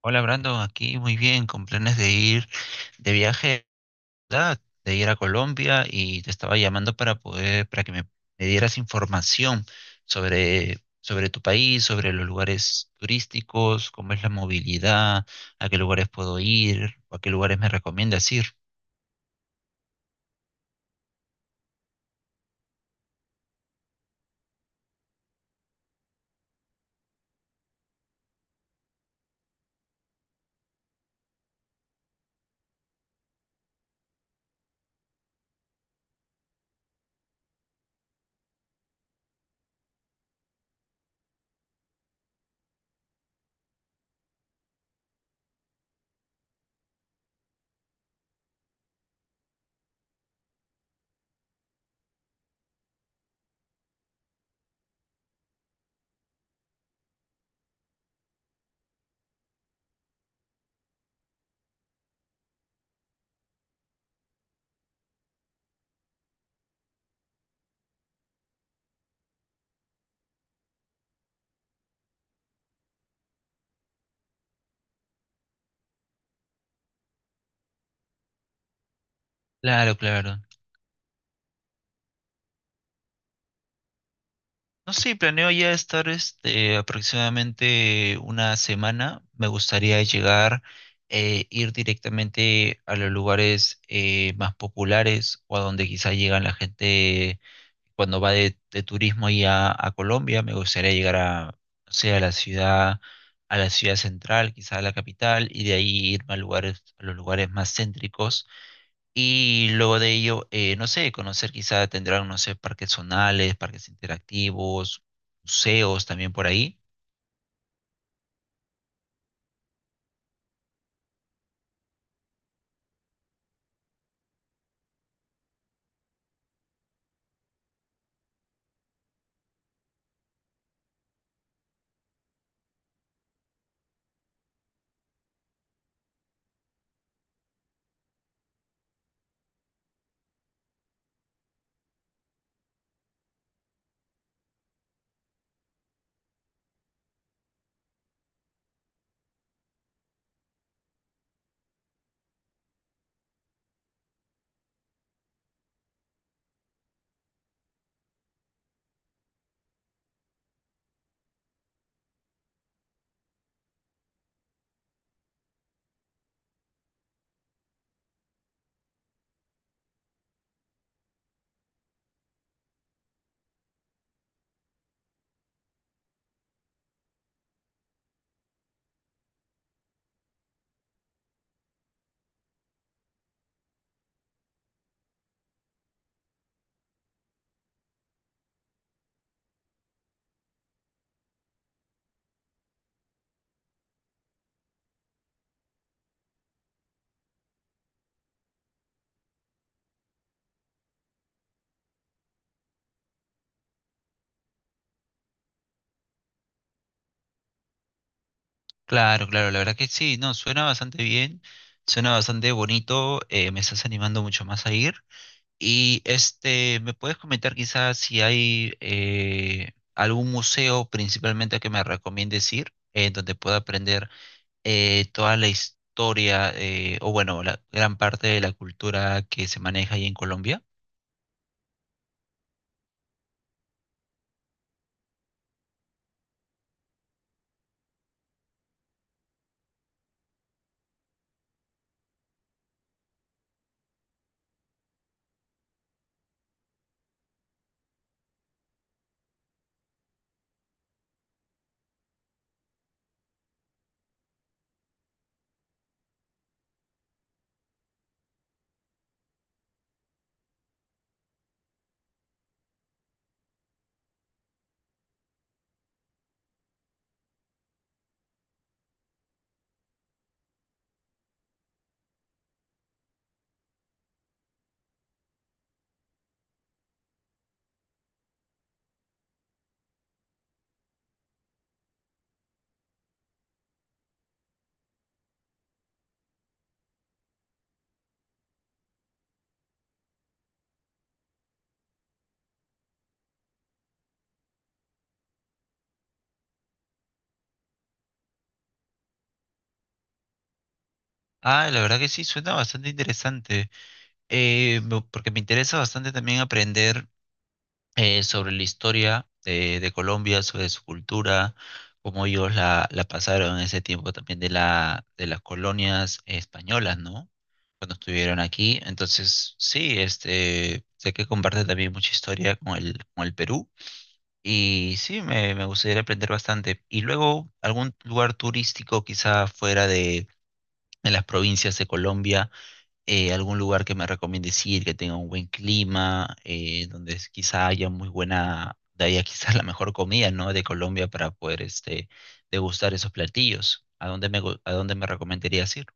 Hola Brandon, aquí muy bien, con planes de ir de viaje, ¿verdad? De ir a Colombia y te estaba llamando para poder, para que me dieras información sobre tu país, sobre los lugares turísticos, cómo es la movilidad, a qué lugares puedo ir, o a qué lugares me recomiendas ir. Claro, claro. No sé, planeo ya estar este, aproximadamente una semana. Me gustaría llegar, ir directamente a los lugares más populares o a donde quizá llegan la gente cuando va de turismo y a Colombia. Me gustaría llegar a, no sé, a la ciudad central, quizá a la capital, y de ahí irme a lugares, a los lugares más céntricos y luego de ello, no sé, conocer quizá tendrán, no sé, parques zonales, parques interactivos, museos también por ahí. Claro, claro, la verdad que sí, no, suena bastante bien, suena bastante bonito, me estás animando mucho más a ir. Y este, ¿me puedes comentar quizás si hay algún museo principalmente que me recomiendes ir, donde pueda aprender toda la historia, o bueno, la gran parte de la cultura que se maneja ahí en Colombia? Ah, la verdad que sí, suena bastante interesante. Porque me interesa bastante también aprender sobre la historia de Colombia, sobre su cultura, cómo ellos la pasaron en ese tiempo también de de las colonias españolas, ¿no? Cuando estuvieron aquí. Entonces, sí, este, sé que comparte también mucha historia con con el Perú. Y sí, me gustaría aprender bastante. Y luego, algún lugar turístico quizá fuera de las provincias de Colombia, algún lugar que me recomiendes ir, que tenga un buen clima, quizá haya muy buena, de ahí a quizá la mejor comida, ¿no? De Colombia para poder este, degustar esos platillos. ¿A a dónde me recomendarías ir?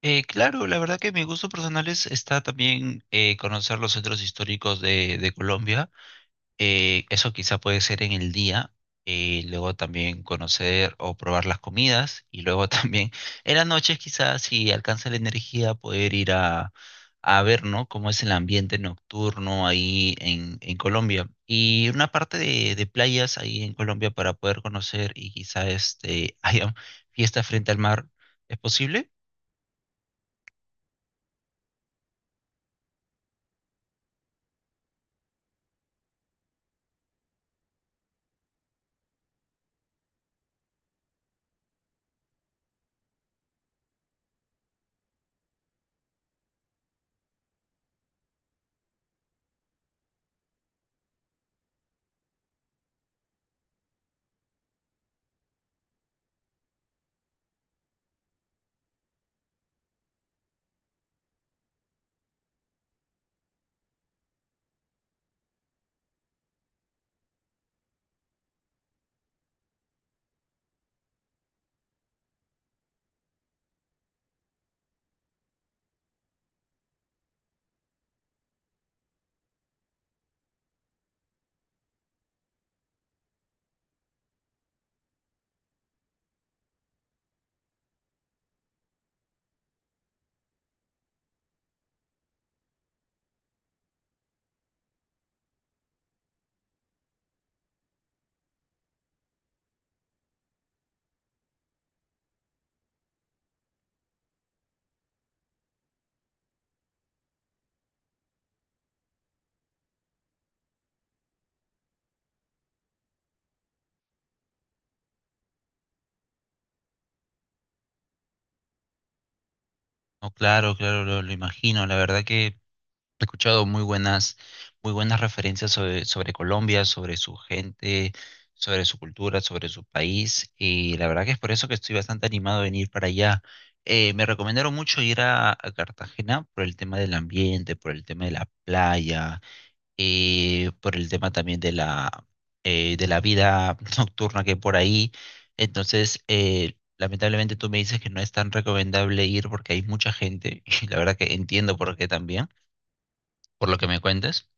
Claro, la verdad que mi gusto personal es, está también conocer los centros históricos de Colombia. Eso quizá puede ser en el día, luego también conocer o probar las comidas y luego también en las noches quizás si alcanza la energía poder ir a ver, ¿no? ¿Cómo es el ambiente nocturno ahí en Colombia? Y una parte de playas ahí en Colombia para poder conocer y quizá este, haya fiesta frente al mar, ¿es posible? No, claro, claro, lo imagino. La verdad que he escuchado muy buenas referencias sobre Colombia, sobre su gente, sobre su cultura, sobre su país, y la verdad que es por eso que estoy bastante animado a venir para allá. Me recomendaron mucho ir a Cartagena por el tema del ambiente, por el tema de la playa, por el tema también de la vida nocturna que hay por ahí. Entonces, lamentablemente tú me dices que no es tan recomendable ir porque hay mucha gente, y la verdad que entiendo por qué también por lo que me cuentas.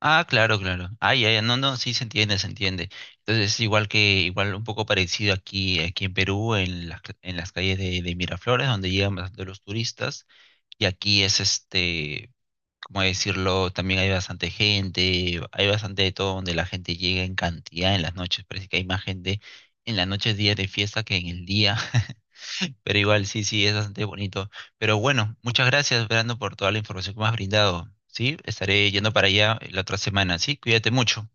Ah, claro, claro. Ah, ya, ya, no, no, sí se entiende, se entiende. Entonces es igual que, igual un poco parecido aquí, aquí en Perú, en en las calles de Miraflores, donde llegan bastante los turistas, y aquí es este, ¿cómo decirlo? También hay bastante gente, hay bastante de todo donde la gente llega en cantidad en las noches, parece que hay más gente en las noches, días de fiesta que en el día. Pero igual sí, sí, es bastante bonito. Pero bueno, muchas gracias, Brando, por toda la información que me has brindado. Sí, estaré yendo para allá la otra semana. Sí, cuídate mucho.